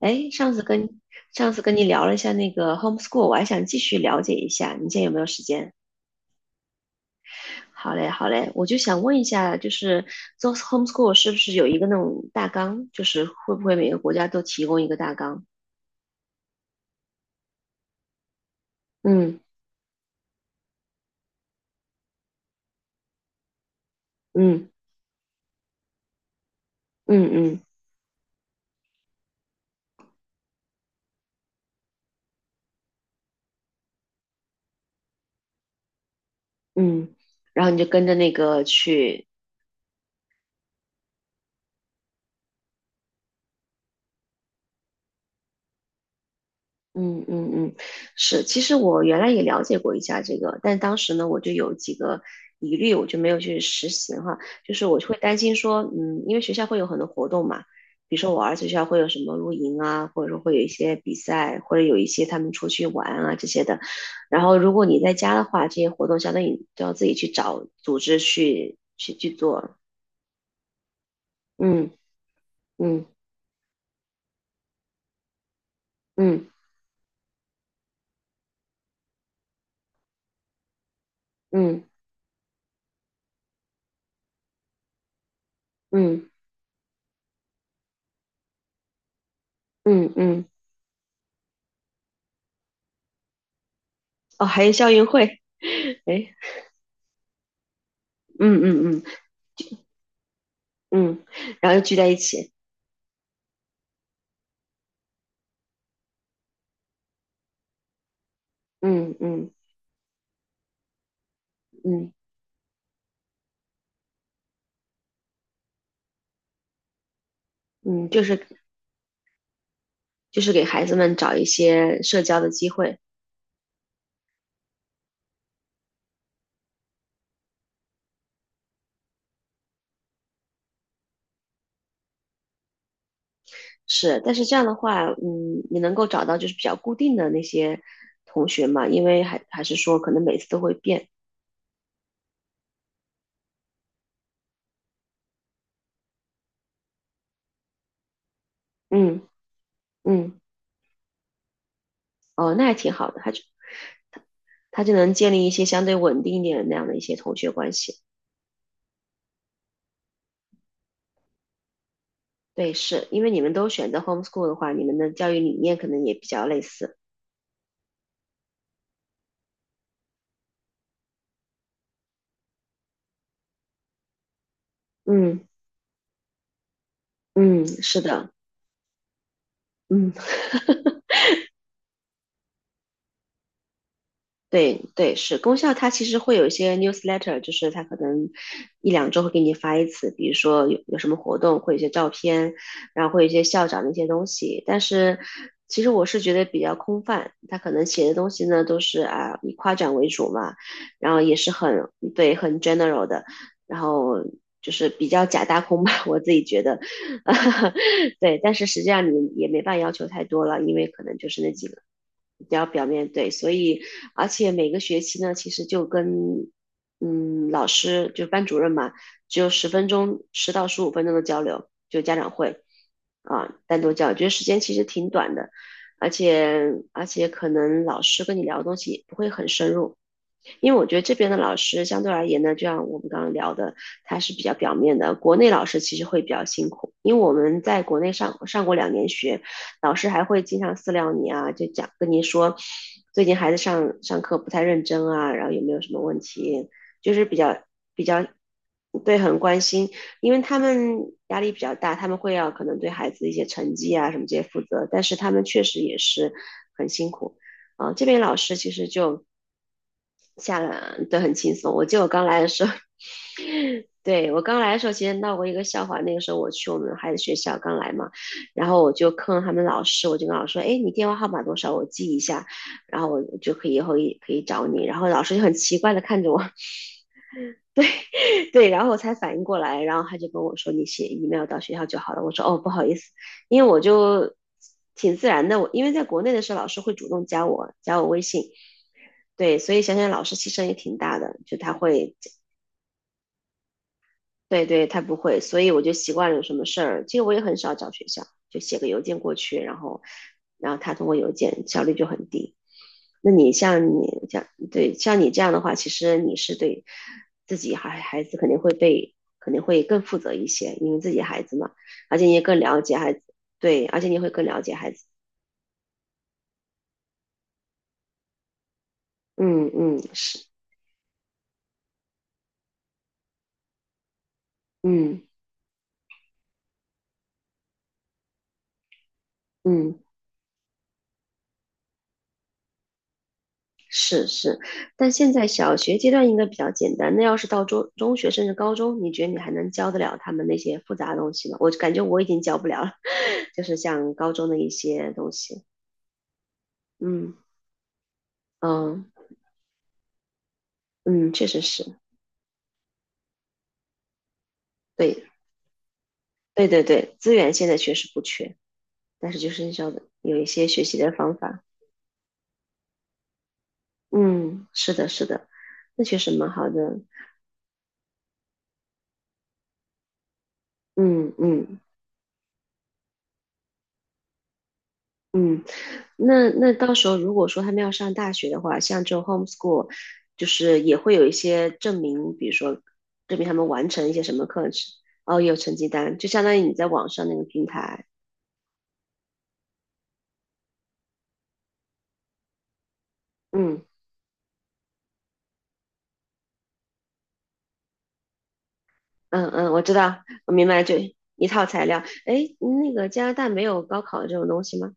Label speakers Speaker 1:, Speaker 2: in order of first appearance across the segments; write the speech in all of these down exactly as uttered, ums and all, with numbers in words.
Speaker 1: 哎，上次跟上次跟你聊了一下那个 homeschool，我还想继续了解一下，你现在有没有时间？好嘞，好嘞，我就想问一下，就是做 homeschool 是不是有一个那种大纲？就是会不会每个国家都提供一个大纲？嗯嗯嗯嗯嗯。然后你就跟着那个去。嗯嗯嗯，是，其实我原来也了解过一下这个，但当时呢，我就有几个疑虑，我就没有去实行哈。就是我就会担心说，嗯，因为学校会有很多活动嘛，比如说我儿子学校会有什么露营啊，或者说会有一些比赛，或者有一些他们出去玩啊这些的。然后如果你在家的话，这些活动相当于你都要自己去找组织去去去做。嗯嗯嗯嗯嗯嗯嗯嗯。哦，还有校运会。哎，嗯嗯嗯。嗯，然后又聚在一起。嗯嗯嗯嗯，就是就是给孩子们找一些社交的机会。是，但是这样的话，嗯，你能够找到就是比较固定的那些同学嘛，因为还还是说可能每次都会变，嗯嗯。哦，那还挺好的，他就他就能建立一些相对稳定一点的那样的一些同学关系，对，是因为你们都选择 homeschool 的话，你们的教育理念可能也比较类似，嗯嗯，是的，嗯。对对，是功效，它其实会有一些 newsletter，就是它可能一两周会给你发一次，比如说有有什么活动，会有一些照片，然后会有一些校长的一些东西。但是其实我是觉得比较空泛，他可能写的东西呢都是啊以夸奖为主嘛，然后也是很对很 general 的，然后就是比较假大空吧，我自己觉得。对，但是实际上你也没办法要求太多了，因为可能就是那几个比较表面对，所以而且每个学期呢，其实就跟嗯老师就班主任嘛，只有十分钟，十到十五分钟的交流，就家长会啊，单独交流觉得时间其实挺短的，而且而且可能老师跟你聊的东西也不会很深入，因为我觉得这边的老师相对而言呢，就像我们刚刚聊的，它是比较表面的。国内老师其实会比较辛苦，因为我们在国内上上过两年学，老师还会经常私聊你啊，就讲跟你说最近孩子上上课不太认真啊，然后有没有什么问题，就是比较比较对很关心，因为他们压力比较大，他们会要可能对孩子一些成绩啊什么这些负责，但是他们确实也是很辛苦啊、呃这边老师其实就。下来都很轻松。我记得我刚来的时候，对，我刚来的时候，其实闹过一个笑话。那个时候我去我们孩子学校刚来嘛，然后我就坑他们老师，我就跟老师说："哎，你电话号码多少？我记一下，然后我就可以以后也可以找你。"然后老师就很奇怪的看着我，对，然后我才反应过来，然后他就跟我说："你写 email 到学校就好了。"我说："哦，不好意思，因为我就挺自然的，我因为在国内的时候，老师会主动加我加我微信，对，所以想想老师牺牲也挺大的，就他会对对，他不会，所以我就习惯了有什么事儿，其实我也很少找学校，就写个邮件过去，然后，然后他通过邮件效率就很低。那你像你这样，对，像你这样的话，其实你是对自己孩孩子肯定会被肯定会更负责一些，因为自己孩子嘛，而且你也更了解孩子，对，而且你会更了解孩子。嗯嗯，是，嗯嗯。是是，但现在小学阶段应该比较简单。那要是到中中学甚至高中，你觉得你还能教得了他们那些复杂的东西吗？我感觉我已经教不了了，就是像高中的一些东西。嗯嗯嗯，确实是，对对对对，资源现在确实不缺，但是就是要有一些学习的方法。嗯，是的，是的，那确实蛮好的。嗯嗯嗯。那那到时候如果说他们要上大学的话，像这种 homeschool，就是也会有一些证明，比如说证明他们完成一些什么课程，哦，有成绩单，就相当于你在网上那个平台。嗯嗯嗯，我知道，我明白，就一套材料。哎，那个加拿大没有高考这种东西吗？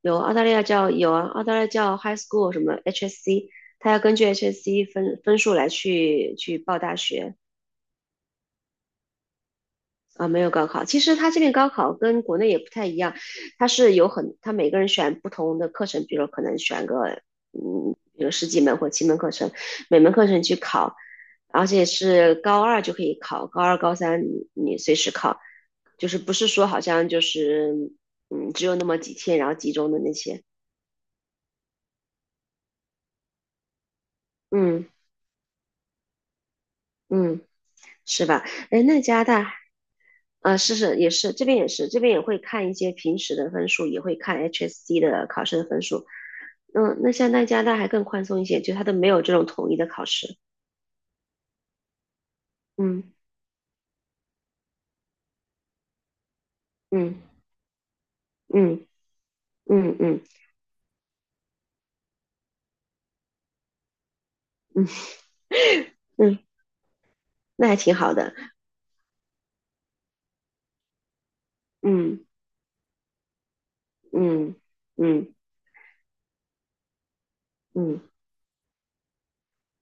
Speaker 1: 有，澳大利亚叫有啊，澳大利亚叫 high school 什么 H S C，他要根据 H S C 分分数来去去报大学。啊，没有高考。其实他这边高考跟国内也不太一样，他是有很，他每个人选不同的课程，比如可能选个，嗯，有十几门或七门课程，每门课程去考，而且是高二就可以考，高二、高三你你随时考，就是不是说好像就是，嗯，只有那么几天，然后集中的那些，嗯嗯，是吧？哎，那加拿大。啊，是是也是，这边也是，这边也会看一些平时的分数，也会看 H S C 的考试的分数，嗯，那像在加拿大还更宽松一些，就他都没有这种统一的考试。嗯嗯嗯嗯嗯嗯嗯，那还挺好的。嗯嗯嗯嗯，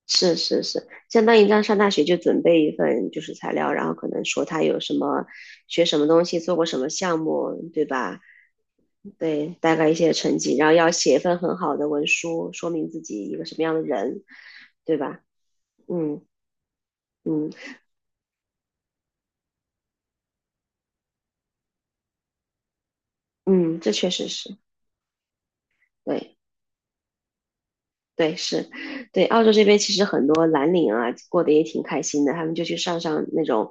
Speaker 1: 是是是，相当于让上大学就准备一份就是材料，然后可能说他有什么学什么东西，做过什么项目，对吧？对，大概一些成绩，然后要写一份很好的文书，说明自己一个什么样的人，对吧？嗯嗯嗯，这确实是对。对，是，对，澳洲这边其实很多蓝领啊，过得也挺开心的，他们就去上上那种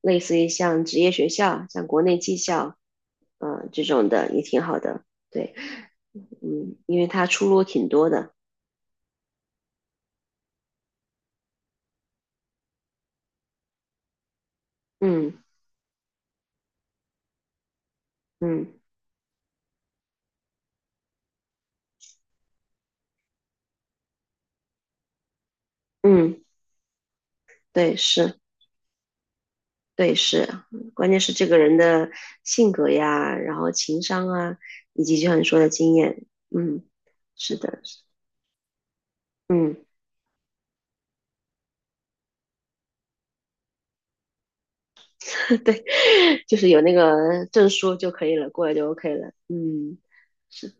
Speaker 1: 类似于像职业学校，像国内技校，嗯、这种的也挺好的。对，嗯，因为他出路挺多的。嗯嗯嗯，对，是，对是，关键是这个人的性格呀，然后情商啊，以及就像你说的经验。嗯，是的，是嗯。对，就是有那个证书就可以了，过了就 OK 了。嗯，是，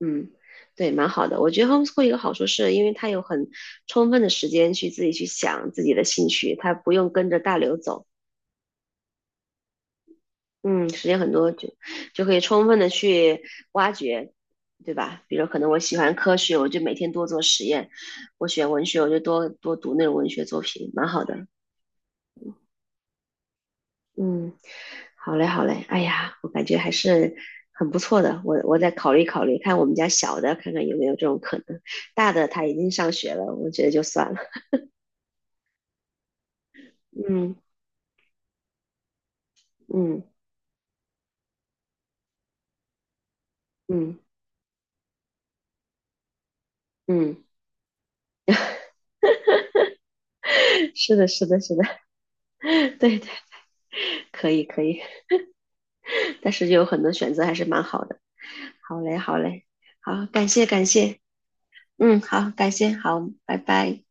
Speaker 1: 嗯，对，蛮好的。我觉得 homeschool 一个好处是因为它有很充分的时间去自己去想自己的兴趣，它不用跟着大流走。嗯，时间很多就就可以充分的去挖掘，对吧？比如可能我喜欢科学，我就每天多做实验；我喜欢文学，我就多多读那种文学作品，蛮好的。嗯，好嘞，好嘞。哎呀，我感觉还是很不错的。我我再考虑考虑，看我们家小的，看看有没有这种可能。大的他已经上学了，我觉得就算了。嗯嗯嗯嗯，是的，是的，是的，对对，可以可以。但是有很多选择还是蛮好的。好嘞，好嘞，好，感谢感谢。嗯，好，感谢，好，拜拜。